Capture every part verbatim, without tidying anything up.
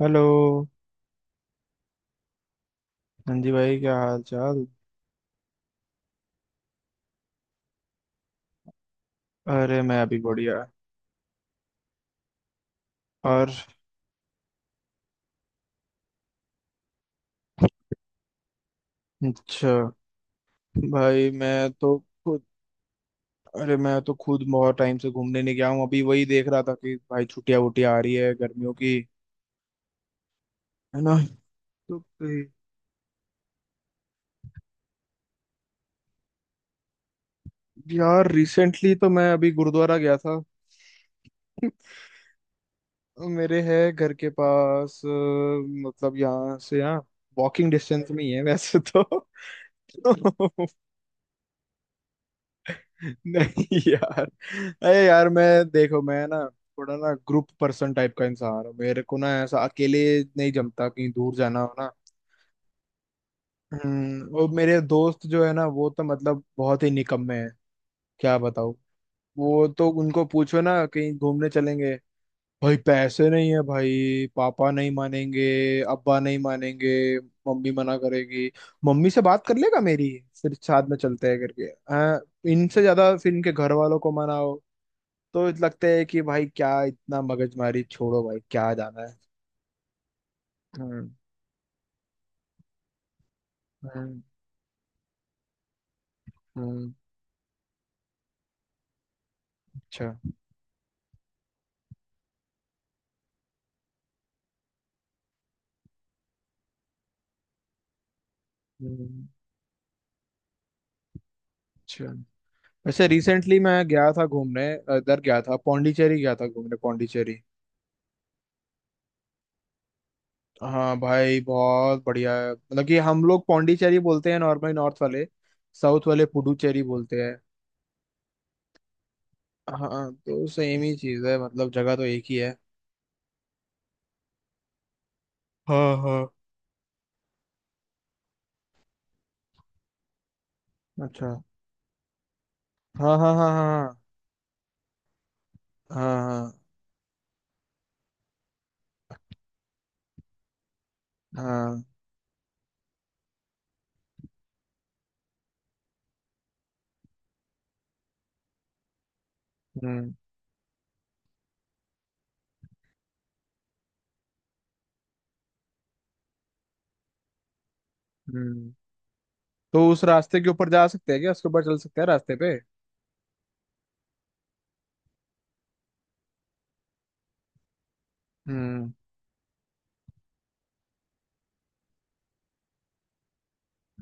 Hello. हाँ जी भाई, क्या हाल चाल। अरे मैं अभी बढ़िया। और। अच्छा। भाई मैं तो खुद अरे मैं तो खुद बहुत टाइम से घूमने नहीं गया हूँ, अभी वही देख रहा था कि भाई छुट्टियां वुट्टियां आ रही है गर्मियों की, है ना। तो कहीं- यार रिसेंटली तो मैं अभी गुरुद्वारा गया था। तो मेरे है घर के पास अ, मतलब यहाँ से यहाँ वॉकिंग डिस्टेंस में ही है वैसे तो। नहीं यार। अरे यार मैं देखो मैं ना थोड़ा ना ग्रुप पर्सन टाइप का इंसान हूँ, मेरे को ना ऐसा अकेले नहीं जमता कहीं दूर जाना हो ना। हम्म और मेरे दोस्त जो है ना वो तो मतलब बहुत ही निकम्मे हैं। क्या बताऊँ। वो तो उनको पूछो ना कहीं घूमने चलेंगे, भाई पैसे नहीं है, भाई पापा नहीं मानेंगे, अब्बा नहीं मानेंगे, मम्मी मना करेगी, मम्मी से बात कर लेगा मेरी, फिर साथ में चलते हैं करके। हाँ। इनसे ज्यादा फिर इनके घर वालों को मनाओ, तो लगता है कि भाई क्या इतना मगजमारी, छोड़ो भाई क्या जाना है। हम्म। हम्म। हम्म। अच्छा। हम्म, अच्छा। वैसे रिसेंटली मैं गया था घूमने, इधर गया था पौंडीचेरी, गया था घूमने पौंडीचेरी। हाँ भाई बहुत बढ़िया है, मतलब कि हम लोग पौंडीचेरी बोलते हैं नॉर्मली नॉर्थ वाले, साउथ वाले पुडुचेरी बोलते हैं। हाँ, तो सेम ही चीज़ है, मतलब जगह तो एक ही है। हाँ हाँ। अच्छा। हाँ हाँ हाँ हाँ। हाँ हाँ हाँ हाँ। हम्म। हम्म। तो उस रास्ते के ऊपर जा सकते हैं क्या, उसके ऊपर चल सकते हैं रास्ते पे? हम्म।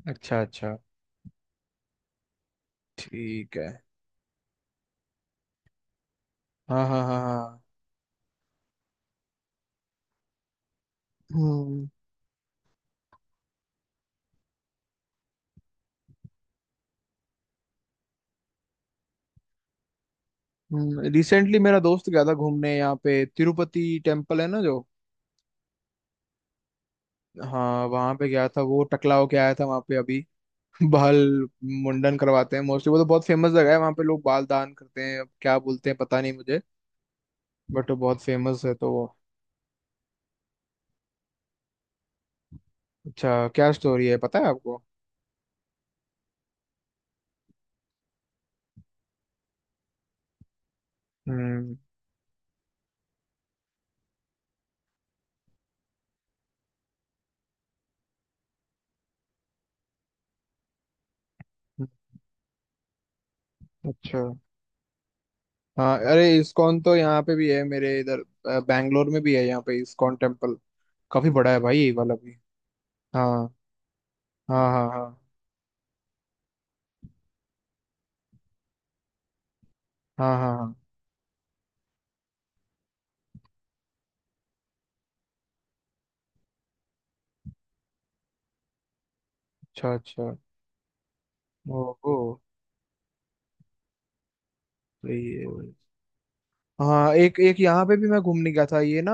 अच्छा अच्छा। ठीक है। हाँ हाँ हाँ हाँ। हम्म। रिसेंटली मेरा दोस्त गया था घूमने, यहाँ पे तिरुपति टेम्पल है ना जो। हाँ वहाँ पे गया था, वो टकला होके आया था वहाँ पे अभी। बाल मुंडन करवाते हैं मोस्टली, वो तो बहुत फेमस जगह है, वहाँ पे लोग बाल दान करते हैं, अब क्या बोलते हैं पता नहीं मुझे, बट वो बहुत फेमस है तो वो। अच्छा, क्या स्टोरी है पता है आपको? हम्म। अच्छा। हाँ अरे, इस्कॉन तो यहाँ पे भी है मेरे इधर, अ, बैंगलोर में भी है यहाँ पे इस्कॉन टेम्पल, काफी बड़ा है भाई ये वाला भी। हाँ हाँ हाँ। हाँ हाँ हाँ हाँ। अच्छा अच्छा। ओहो। सही है भाई। हाँ एक एक यहाँ पे भी मैं घूमने गया था ये ना,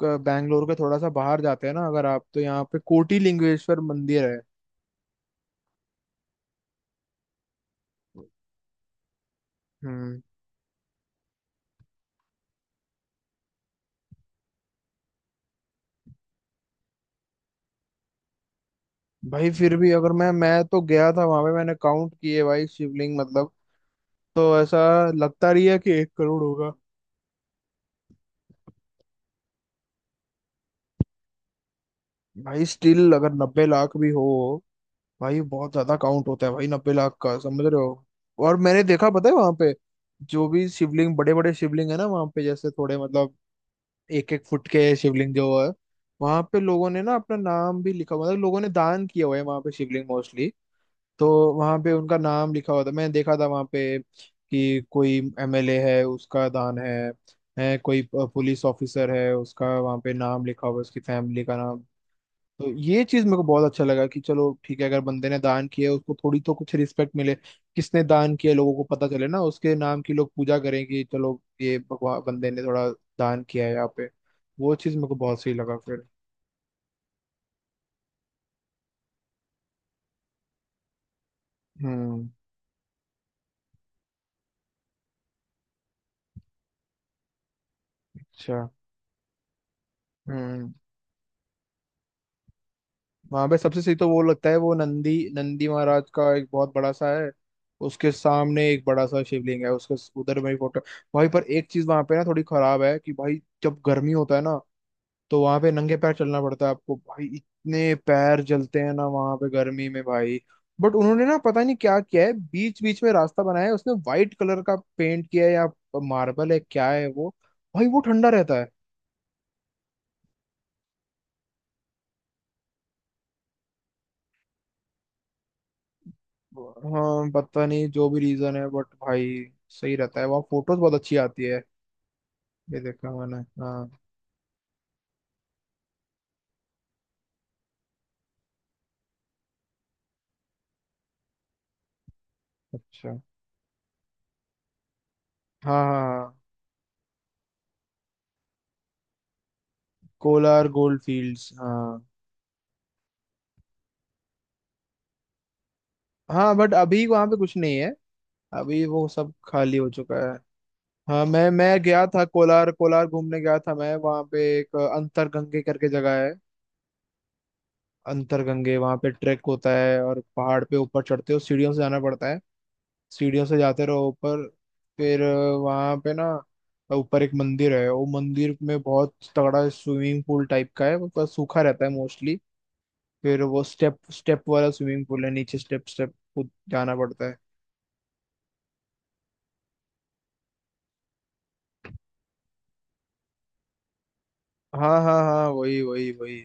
क- बैंगलोर के थोड़ा सा बाहर जाते हैं ना अगर आप, तो यहाँ पे कोटी लिंगेश्वर मंदिर है। हम्म। भाई फिर भी, अगर मैं मैं तो गया था वहां पे, मैंने काउंट किए भाई शिवलिंग मतलब, तो ऐसा लगता रही है कि एक करोड़ होगा। भाई स्टिल अगर नब्बे लाख भी हो, भाई बहुत ज्यादा काउंट होता है भाई, नब्बे लाख का, समझ रहे हो? और मैंने देखा, पता है वहां पे जो भी शिवलिंग, बड़े बड़े शिवलिंग है ना वहां पे, जैसे थोड़े मतलब एक एक फुट के शिवलिंग जो है, वहां पे लोगों ने ना अपना नाम भी लिखा हुआ, मतलब लोगों ने दान किया हुआ है वहां पे शिवलिंग मोस्टली, तो वहां पे उनका नाम लिखा हुआ था। मैंने देखा था वहां पे कि कोई एमएलए है उसका दान है है कोई पुलिस ऑफिसर है उसका वहां पे नाम लिखा हुआ है, उसकी फैमिली का नाम। तो ये चीज मेरे को बहुत अच्छा लगा कि चलो ठीक है, अगर बंदे ने दान किया उसको थोड़ी तो कुछ रिस्पेक्ट मिले, किसने दान किया लोगों को पता चले ना, उसके नाम की लोग पूजा करें कि चलो ये भगवान बंदे ने थोड़ा दान किया है यहाँ पे। वो चीज मेरे को बहुत सही लगा फिर। हम्म। अच्छा। हम्म। वहां पे सबसे सही तो वो लगता है, वो नंदी नंदी महाराज का एक बहुत बड़ा सा है, उसके सामने एक बड़ा सा शिवलिंग है, उसके उधर मेरी फोटो। भाई पर एक चीज वहां पे ना थोड़ी खराब है कि भाई, जब गर्मी होता है ना, तो वहां पे नंगे पैर चलना पड़ता है आपको भाई, इतने पैर जलते हैं ना वहां पे गर्मी में भाई। बट उन्होंने ना पता नहीं क्या किया है, बीच बीच में रास्ता बनाया है, उसने वाइट कलर का पेंट किया है या मार्बल है क्या है वो, भाई वो ठंडा रहता है। हाँ पता नहीं जो भी रीजन है, बट भाई सही रहता है वहाँ, फोटोज बहुत अच्छी आती है। ये देखा मैंने। हाँ। अच्छा। हाँ हाँ हाँ। कोलार गोल्ड फील्ड्स, हाँ। हाँ बट अभी वहाँ पे कुछ नहीं है, अभी वो सब खाली हो चुका है। हाँ मैं मैं गया था कोलार, कोलार घूमने गया था मैं, वहाँ पे एक अंतरगंगे करके जगह है। अंतरगंगे वहाँ पे ट्रैक होता है, और पहाड़ पे ऊपर चढ़ते हो, सीढ़ियों से जाना पड़ता है, सीढ़ियों से जाते रहो ऊपर। फिर अ, वहाँ पे ना ऊपर एक मंदिर है, वो मंदिर में बहुत तगड़ा स्विमिंग पूल टाइप का है, वो थोड़ा सूखा रहता है मोस्टली, फिर वो स्टेप स्टेप वाला स्विमिंग पूल है नीचे, स्टेप स्टेप जाना पड़ता है। हाँ हाँ हाँ, वही वही वही।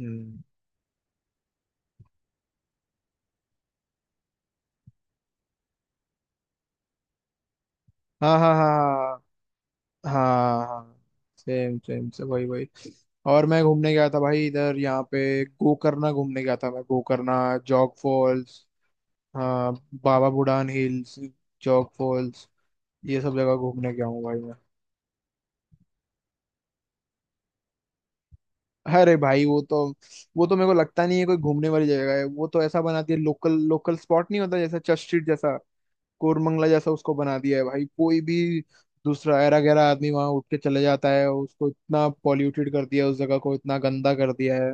हम्म। हाँ हाँ हाँ हाँ हाँ। हाँ हाँ। सेम सेम से वही वही। और मैं घूमने गया था भाई इधर, यहाँ पे गोकर्णा घूमने गया था मैं, गोकर्णा, जॉग फॉल्स। हाँ। बाबा बुडान हिल्स, जॉग फॉल्स, ये सब जगह घूमने गया हूँ भाई मैं। अरे भाई वो तो, वो तो मेरे को लगता नहीं है कोई घूमने वाली जगह है, वो तो ऐसा बना दिया, लोकल लोकल स्पॉट नहीं होता, जैसा चर्च स्ट्रीट जैसा कोरमंगला जैसा उसको बना दिया है भाई, कोई भी दूसरा ऐरा गैरा आदमी वहां उठ के चले जाता है, उसको इतना पॉल्यूटेड कर दिया है, उस जगह को इतना गंदा कर दिया है।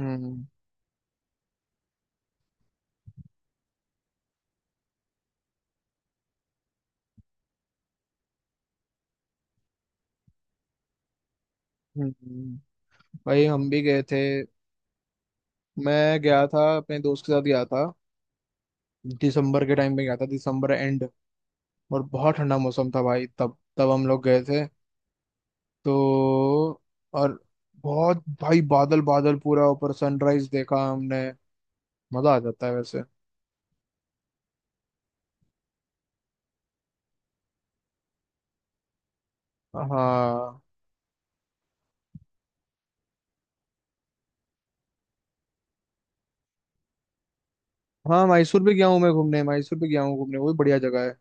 हम्म। हम्म। भाई हम भी गए थे, मैं गया था अपने दोस्त के साथ गया था, दिसंबर के टाइम में गया था, दिसंबर एंड, और बहुत ठंडा मौसम था भाई तब, तब हम लोग गए थे तो। और बहुत भाई, बादल बादल पूरा ऊपर, सनराइज देखा हमने। मजा आ जाता है वैसे। हाँ। हाँ मैसूर भी गया हूँ मैं घूमने, मैसूर भी गया हूँ घूमने, वो भी बढ़िया जगह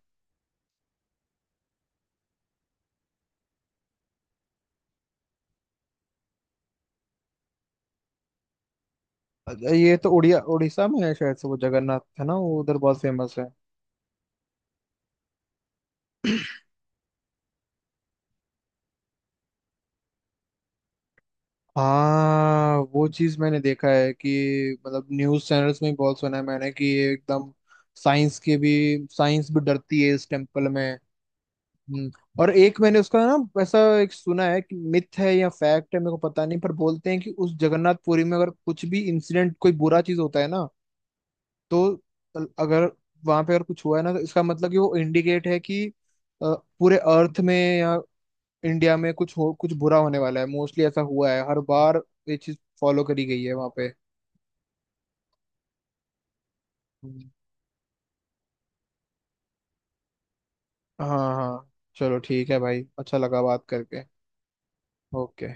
है। ये तो उड़िया उड़ीसा में है शायद से वो, जगन्नाथ है ना वो उधर बहुत फेमस है। हाँ वो चीज मैंने देखा है, कि मतलब न्यूज चैनल्स में भी बहुत सुना है मैंने कि ये एकदम, साइंस के भी साइंस भी डरती है इस टेम्पल में। हम्म, और एक मैंने उसका ना ऐसा एक सुना है कि मिथ है या फैक्ट है मेरे को पता नहीं, पर बोलते हैं कि उस जगन्नाथपुरी में अगर कुछ भी इंसिडेंट कोई बुरा चीज होता है ना, तो अगर वहां पे अगर कुछ हुआ है ना, तो इसका मतलब कि वो इंडिकेट है कि अ, पूरे अर्थ में या इंडिया में कुछ हो, कुछ बुरा होने वाला है मोस्टली, ऐसा हुआ है हर बार, ये चीज फॉलो करी गई है वहां पे। हम्म। हाँ हाँ। चलो ठीक है भाई, अच्छा लगा बात करके। ओके।